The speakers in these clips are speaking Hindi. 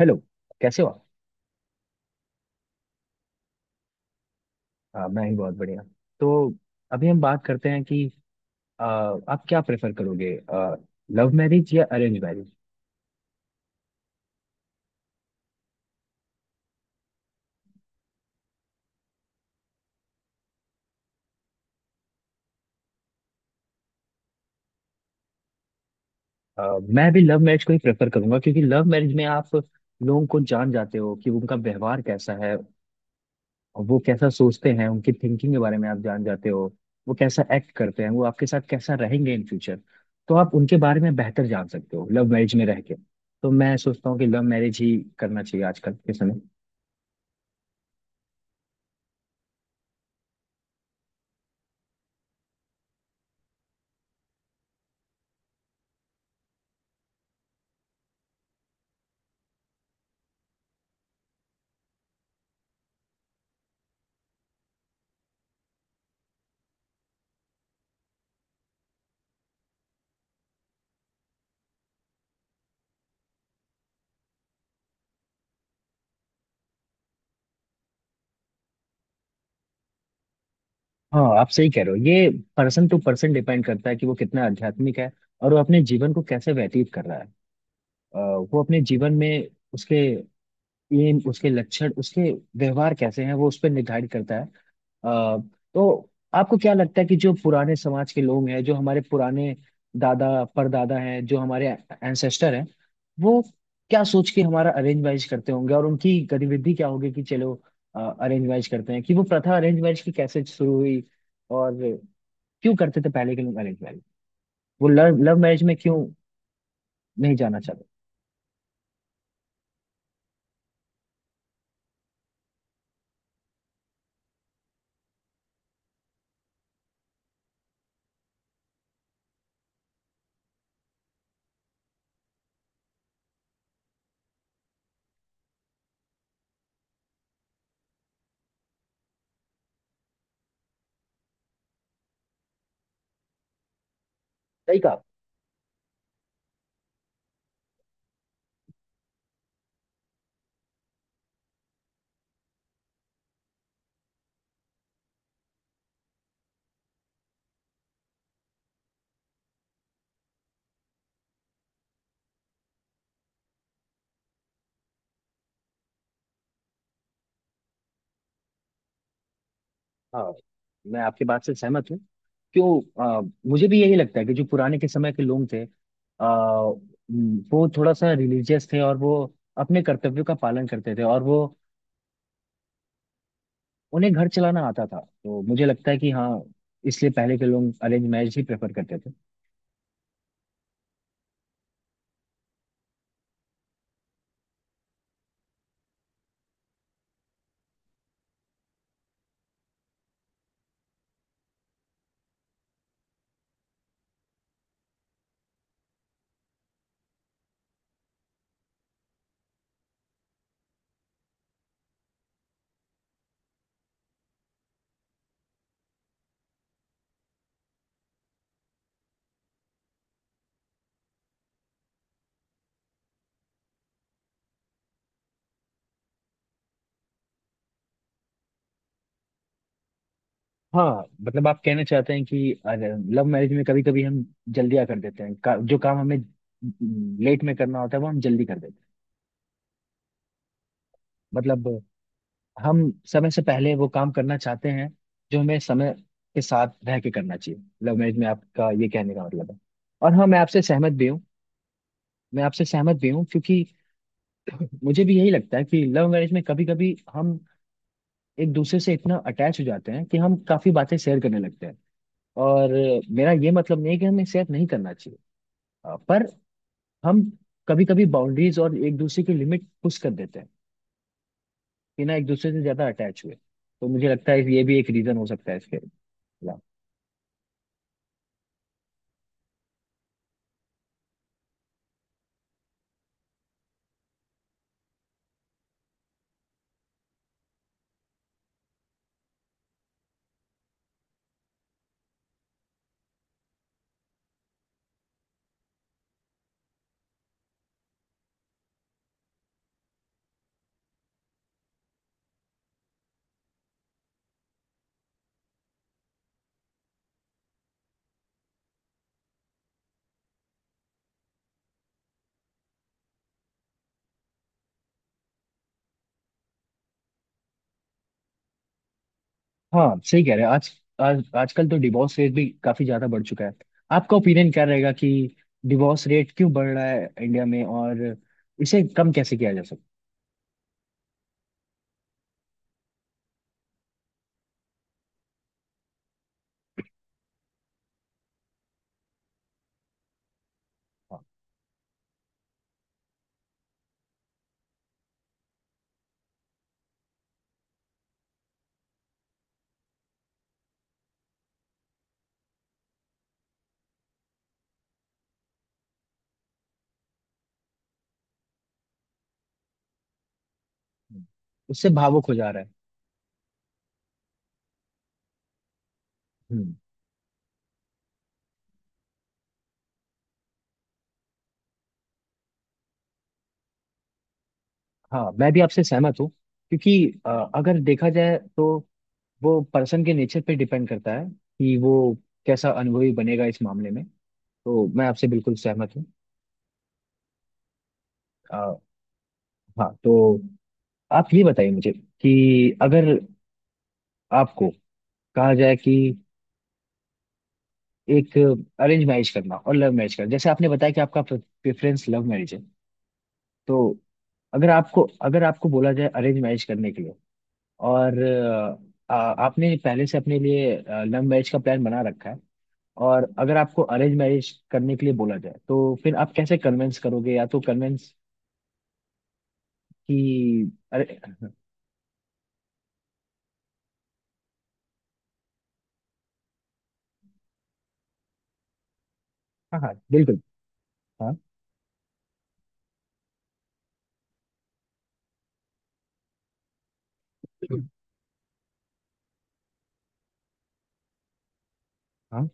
हेलो। कैसे हो आप। हाँ, मैं ही बहुत बढ़िया। तो अभी हम बात करते हैं कि आप क्या प्रेफर करोगे, लव मैरिज या अरेंज मैरिज। मैं भी लव मैरिज को ही प्रेफर करूंगा, क्योंकि लव मैरिज में आप लोगों को जान जाते हो कि उनका व्यवहार कैसा है, वो कैसा सोचते हैं, उनकी थिंकिंग के बारे में आप जान जाते हो। वो कैसा एक्ट करते हैं, वो आपके साथ कैसा रहेंगे इन फ्यूचर। तो आप उनके बारे में बेहतर जान सकते हो लव मैरिज में रह के। तो मैं सोचता हूँ कि लव मैरिज ही करना चाहिए आजकल के समय। हाँ, आप सही कह रहे हो। ये पर्सन टू पर्सन डिपेंड करता है कि वो कितना आध्यात्मिक है और वो अपने जीवन को कैसे व्यतीत कर रहा है। वो अपने जीवन में उसके एम उसके लक्षण, उसके व्यवहार कैसे हैं, वो उस पर निर्धारित करता है। अ, तो आपको क्या लगता है कि जो पुराने समाज के लोग हैं, जो हमारे पुराने दादा परदादा हैं, जो हमारे एंसेस्टर हैं, वो क्या सोच के हमारा अरेंज मैरिज करते होंगे, और उनकी गतिविधि क्या होगी कि चलो अरेंज मैरिज करते हैं। कि वो प्रथा अरेंज मैरिज की कैसे शुरू हुई, और क्यों करते थे पहले के मैरिज मैरिज। वो लव लव मैरिज में क्यों नहीं जाना चाहते। सही कहा आप। हाँ, मैं आपके बात से सहमत हूँ। क्यों मुझे भी यही लगता है कि जो पुराने के समय के लोग थे, आ, वो थोड़ा सा रिलीजियस थे और वो अपने कर्तव्यों का पालन करते थे, और वो उन्हें घर चलाना आता था। तो मुझे लगता है कि हाँ, इसलिए पहले के लोग अरेंज मैरिज ही प्रेफर करते थे। हाँ, मतलब आप कहना चाहते हैं कि लव मैरिज में कभी कभी हम जल्दियाँ कर देते हैं। जो काम हमें लेट में करना होता है, वो हम जल्दी कर देते हैं। मतलब हम समय से पहले वो काम करना चाहते हैं जो हमें समय के साथ रह के करना चाहिए लव मैरिज में, आपका ये कहने का मतलब है। और हाँ, मैं आपसे सहमत भी हूँ। मैं आपसे सहमत भी हूँ, क्योंकि मुझे भी यही लगता है कि लव मैरिज में कभी कभी हम एक दूसरे से इतना अटैच हो जाते हैं कि हम काफी बातें शेयर करने लगते हैं। और मेरा ये मतलब नहीं है कि हमें शेयर नहीं करना चाहिए, पर हम कभी कभी बाउंड्रीज और एक दूसरे की लिमिट पुश कर देते हैं बिना एक दूसरे से ज्यादा अटैच हुए। तो मुझे लगता है ये भी एक रीजन हो सकता है इसके। हाँ, सही कह रहे हैं। आज आज आजकल तो डिवोर्स रेट भी काफी ज्यादा बढ़ चुका है। आपका ओपिनियन क्या रहेगा कि डिवोर्स रेट क्यों बढ़ रहा है इंडिया में, और इसे कम कैसे किया जा सकता है। हाँ। हम्म, उससे भावुक हो जा रहा है। हम्म। हाँ, मैं भी आपसे सहमत हूँ, क्योंकि अगर देखा जाए तो वो पर्सन के नेचर पे डिपेंड करता है कि वो कैसा अनुभवी बनेगा इस मामले में। तो मैं आपसे बिल्कुल सहमत हूँ। अ, हाँ, तो आप ये बताइए मुझे कि अगर आपको कहा जाए कि एक अरेंज मैरिज करना और लव मैरिज करना, जैसे आपने बताया कि आपका प्रेफरेंस लव मैरिज है, तो अगर आपको अगर आपको बोला जाए अरेंज मैरिज करने के लिए, और आपने पहले से अपने लिए लव मैरिज का प्लान बना रखा है, और अगर आपको अरेंज मैरिज करने के लिए बोला जाए, तो फिर आप कैसे कन्विंस करोगे या तो कन्विंस कि अरे। हाँ हाँ, बिल्कुल। हाँ। हाँ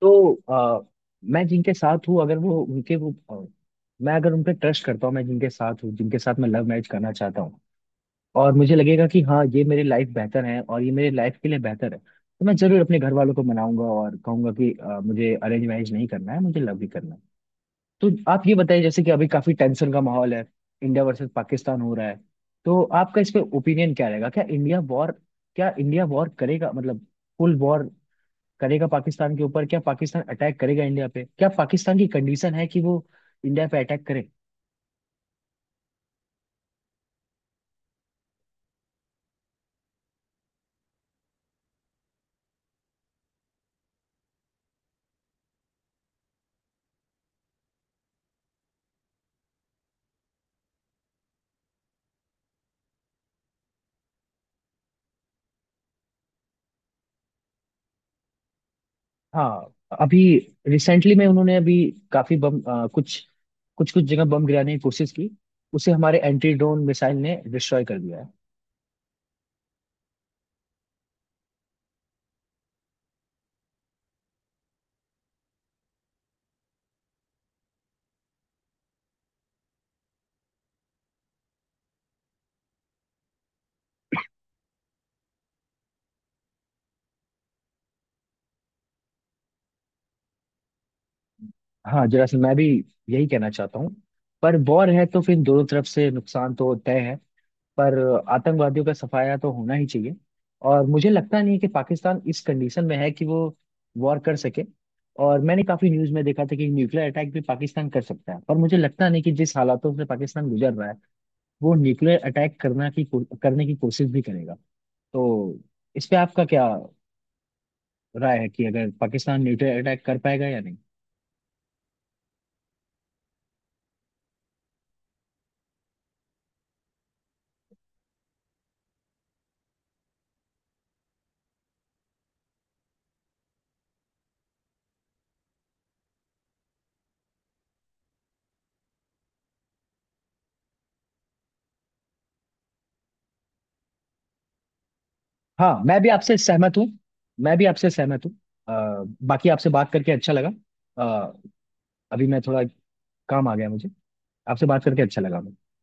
तो अ, मैं जिनके साथ हूँ अगर वो उनके वो अ, मैं अगर उन पे ट्रस्ट करता हूँ, मैं जिनके साथ हूँ, जिनके साथ मैं लव मैरिज करना चाहता हूँ, और मुझे लगेगा कि हाँ, ये मेरी लाइफ बेहतर है और ये मेरी लाइफ के लिए बेहतर है, तो मैं जरूर अपने घर वालों को मनाऊंगा और कहूंगा कि मुझे अरेंज मैरिज नहीं करना है, मुझे लव भी करना है। तो आप ये बताइए जैसे कि अभी काफी टेंशन का माहौल है, इंडिया वर्सेस पाकिस्तान हो रहा है। तो आपका इस पे ओपिनियन क्या रहेगा, क्या इंडिया वॉर करेगा, मतलब फुल वॉर करेगा पाकिस्तान के ऊपर। क्या पाकिस्तान अटैक करेगा इंडिया पे, क्या पाकिस्तान की कंडीशन है कि वो इंडिया पे अटैक करे। हाँ। अभी रिसेंटली में उन्होंने अभी काफी बम कुछ कुछ कुछ जगह बम गिराने की कोशिश की। उसे हमारे एंटी ड्रोन मिसाइल ने डिस्ट्रॉय कर दिया है। हाँ, जरा सा मैं भी यही कहना चाहता हूँ। पर वॉर है तो फिर दोनों तरफ से नुकसान तो तय है, पर आतंकवादियों का सफाया तो होना ही चाहिए। और मुझे लगता नहीं है कि पाकिस्तान इस कंडीशन में है कि वो वॉर कर सके। और मैंने काफी न्यूज में देखा था कि न्यूक्लियर अटैक भी पाकिस्तान कर सकता है, पर मुझे लगता नहीं कि जिस हालातों से पाकिस्तान गुजर रहा है वो न्यूक्लियर अटैक करने की कोशिश भी करेगा। तो इस पे आपका क्या राय है कि अगर पाकिस्तान न्यूक्लियर अटैक कर पाएगा या नहीं। हाँ, मैं भी आपसे सहमत हूँ। मैं भी आपसे सहमत हूँ। बाकी आपसे बात करके अच्छा लगा। अ, अभी मैं थोड़ा काम आ गया मुझे। आपसे बात करके अच्छा लगा मुझे।